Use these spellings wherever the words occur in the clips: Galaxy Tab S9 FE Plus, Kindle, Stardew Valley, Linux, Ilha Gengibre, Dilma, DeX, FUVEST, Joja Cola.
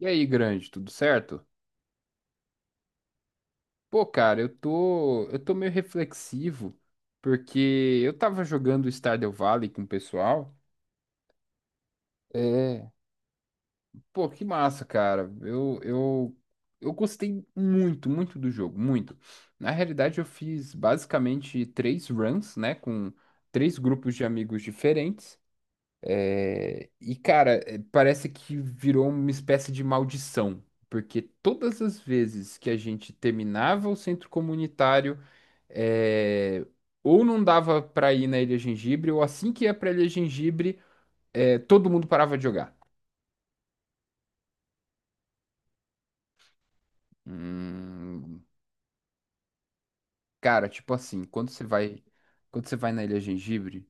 E aí, grande, tudo certo? Pô, cara, eu tô meio reflexivo porque eu tava jogando Stardew Valley com o pessoal. É. Pô, que massa, cara. Eu gostei muito, muito do jogo, muito. Na realidade, eu fiz basicamente três runs, né, com três grupos de amigos diferentes. Cara, parece que virou uma espécie de maldição, porque todas as vezes que a gente terminava o centro comunitário, é, ou não dava pra ir na Ilha Gengibre, ou assim que ia pra Ilha Gengibre, todo mundo parava de jogar. Hum, cara, tipo assim, quando você vai na Ilha Gengibre.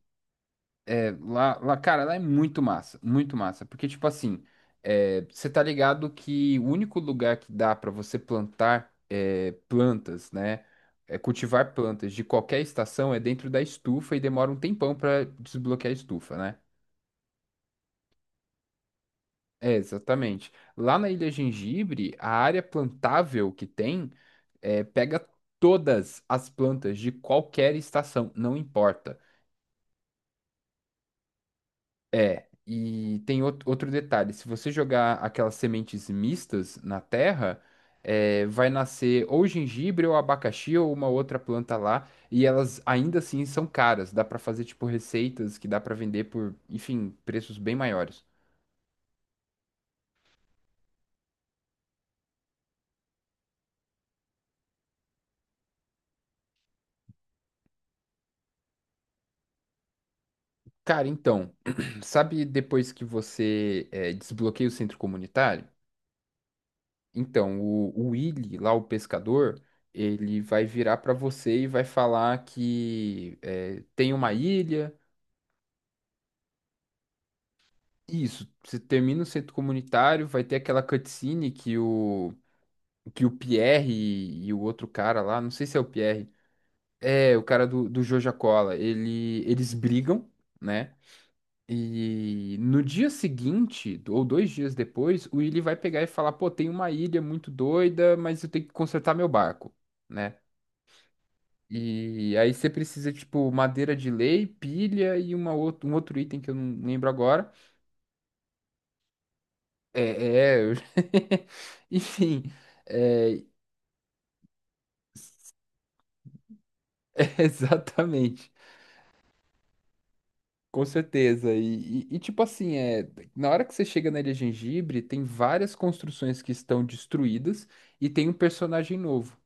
É, lá, cara, lá é muito massa, porque, tipo assim, você tá ligado que o único lugar que dá pra você plantar plantas, né, cultivar plantas de qualquer estação é dentro da estufa e demora um tempão pra desbloquear a estufa, né? É, exatamente. Lá na Ilha Gengibre, a área plantável que tem pega todas as plantas de qualquer estação, não importa. É, e tem outro detalhe: se você jogar aquelas sementes mistas na terra, vai nascer ou gengibre ou abacaxi ou uma outra planta lá, e elas ainda assim são caras. Dá pra fazer tipo receitas que dá pra vender por, enfim, preços bem maiores. Cara, então, sabe depois que você desbloqueia o centro comunitário? Então, o Willy, lá o pescador, ele vai virar pra você e vai falar que tem uma ilha. Isso, você termina o centro comunitário, vai ter aquela cutscene que o Pierre e o outro cara lá, não sei se é o Pierre, é o cara do Joja Cola, ele, eles brigam, né? E no dia seguinte, ou dois dias depois, o Willy vai pegar e falar: pô, tem uma ilha muito doida, mas eu tenho que consertar meu barco, né? E aí você precisa, tipo, madeira de lei, pilha e uma out um outro item que eu não lembro agora. É, é, eu- enfim, é, exatamente, com certeza. E tipo assim, na hora que você chega na Ilha Gengibre, tem várias construções que estão destruídas e tem um personagem novo.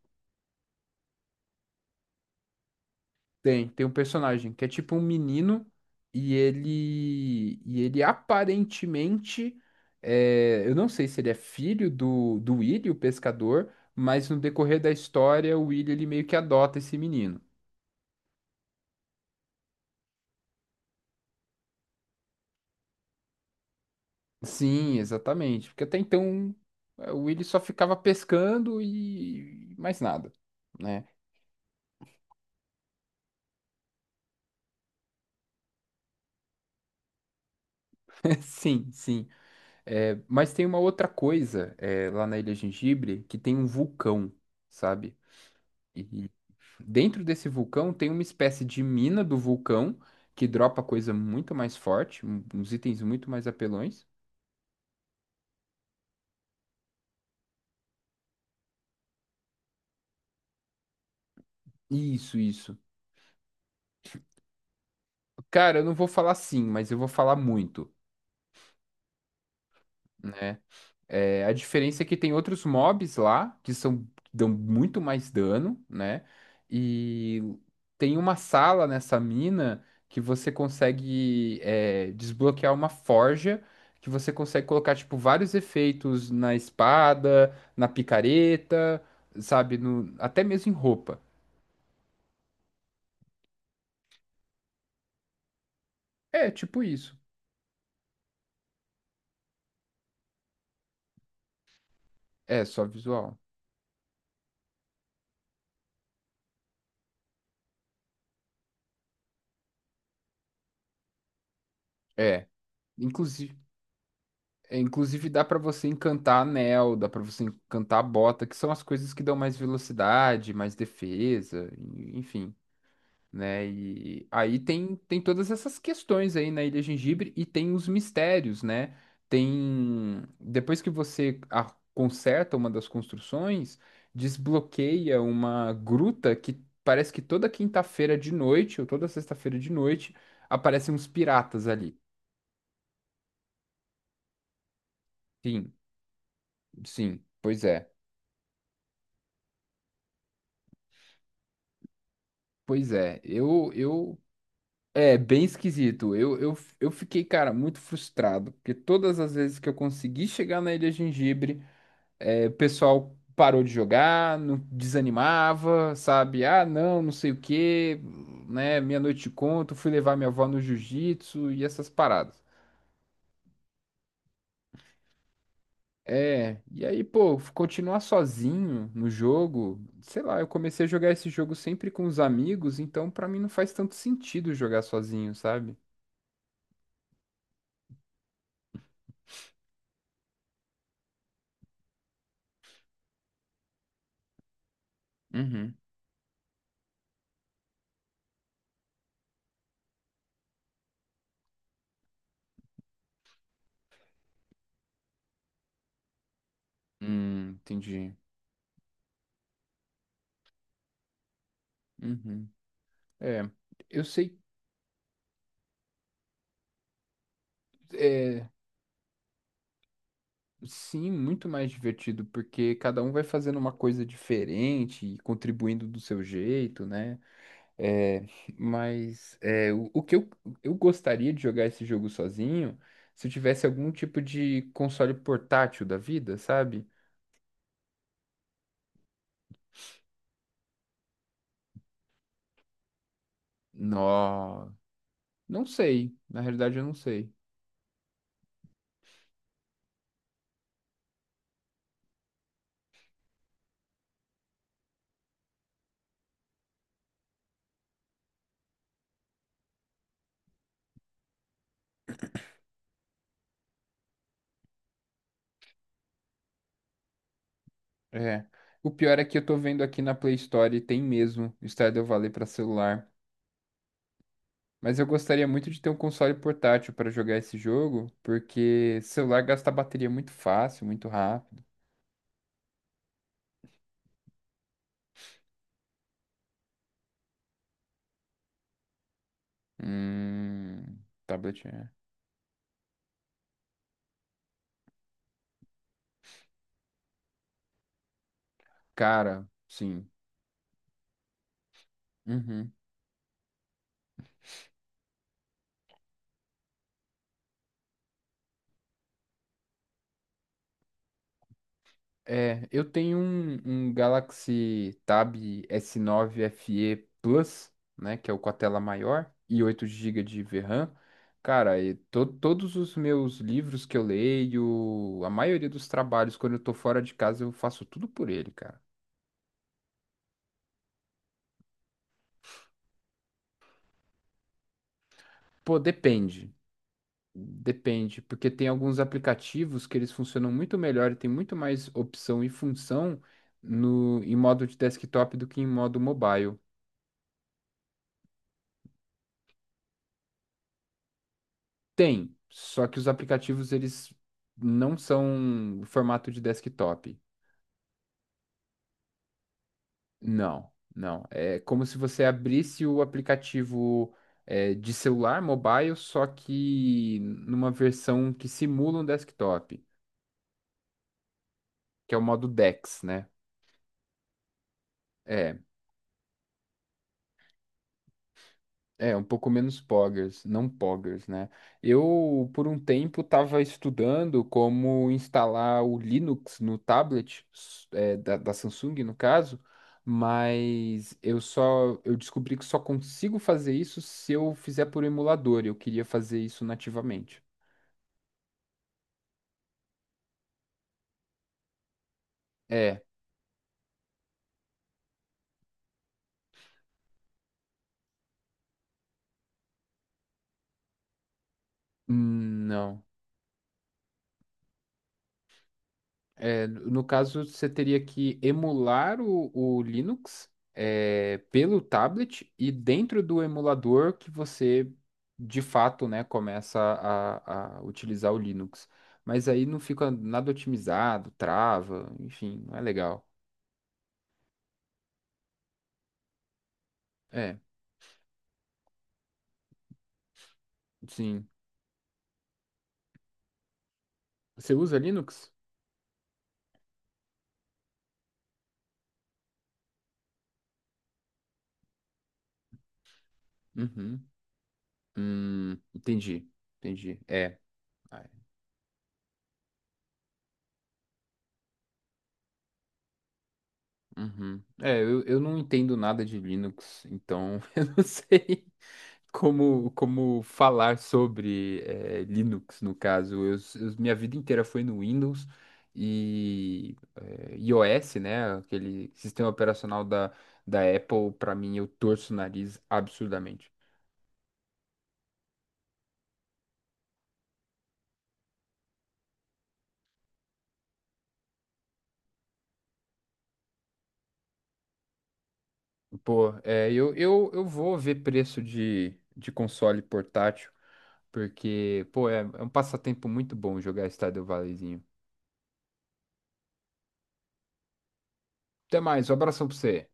Tem um personagem que é tipo um menino e ele aparentemente, eu não sei se ele é filho do Willy, o pescador, mas no decorrer da história, o Willy ele meio que adota esse menino. Sim, exatamente. Porque até então o Willy só ficava pescando e mais nada, né? Sim, sim. É, mas tem uma outra coisa lá na Ilha Gengibre que tem um vulcão, sabe? E dentro desse vulcão tem uma espécie de mina do vulcão que dropa coisa muito mais forte, uns itens muito mais apelões. Isso, isso. Cara, eu não vou falar sim, mas eu vou falar muito, né? É, a diferença é que tem outros mobs lá que são que dão muito mais dano, né? E tem uma sala nessa mina que você consegue desbloquear uma forja que você consegue colocar tipo vários efeitos na espada, na picareta, sabe, no, até mesmo em roupa. É tipo isso. É só visual. É, inclusive. É, inclusive dá para você encantar anel, dá para você encantar bota, que são as coisas que dão mais velocidade, mais defesa, enfim, né? E aí tem, tem todas essas questões aí na Ilha Gengibre e tem os mistérios, né? Tem depois que você conserta uma das construções, desbloqueia uma gruta que parece que toda quinta-feira de noite ou toda sexta-feira de noite aparecem uns piratas ali. Sim, sim, pois é. Pois é, eu, eu, é bem esquisito. Eu fiquei, cara, muito frustrado, porque todas as vezes que eu consegui chegar na Ilha Gengibre, o pessoal parou de jogar, não desanimava, sabe? Ah, não, não sei o quê, né? Meia noite te conto, fui levar minha avó no jiu-jitsu e essas paradas. É, e aí, pô, continuar sozinho no jogo, sei lá, eu comecei a jogar esse jogo sempre com os amigos, então pra mim não faz tanto sentido jogar sozinho, sabe? Uhum. Entendi. Uhum. É, eu sei, é, sim, muito mais divertido, porque cada um vai fazendo uma coisa diferente e contribuindo do seu jeito, né? É, mas é, eu gostaria de jogar esse jogo sozinho, se eu tivesse algum tipo de console portátil da vida, sabe? Nó, não sei, na realidade eu não sei. É, o pior é que eu tô vendo aqui na Play Store e tem mesmo Stardew Valley para celular. Mas eu gostaria muito de ter um console portátil para jogar esse jogo, porque celular gasta bateria muito fácil, muito rápido. Hum, tablet é. Cara, sim. Uhum. É, um Galaxy Tab S9 FE Plus, né, que é o com a tela maior e 8 GB de VRAM. Cara, e todos os meus livros que eu leio, a maioria dos trabalhos, quando eu tô fora de casa, eu faço tudo por ele, cara. Pô, depende. Depende, porque tem alguns aplicativos que eles funcionam muito melhor e tem muito mais opção e função no, em modo de desktop do que em modo mobile. Tem, só que os aplicativos eles não são o formato de desktop. Não, não. É como se você abrisse o aplicativo de celular mobile, só que numa versão que simula um desktop, que é o modo DeX, né? É, é, um pouco menos poggers, não poggers, né? Eu, por um tempo, estava estudando como instalar o Linux no tablet, da Samsung, no caso, mas eu descobri que só consigo fazer isso se eu fizer por emulador, e eu queria fazer isso nativamente. É, não. É, no caso, você teria que emular o Linux, pelo tablet e dentro do emulador que você, de fato, né, começa a utilizar o Linux. Mas aí não fica nada otimizado, trava, enfim, não é legal. É, sim. Você usa Linux? Uhum. Entendi, entendi. É. Ai, uhum. É, eu não entendo nada de Linux, então eu não sei como, como falar sobre Linux, no caso. Minha vida inteira foi no Windows e iOS, né? Aquele sistema operacional da Apple, para mim, eu torço o nariz absurdamente. Pô, é, eu vou ver preço de console portátil, porque, pô, é, é um passatempo muito bom jogar Stardew Valleyzinho. Até mais, um abração pra você.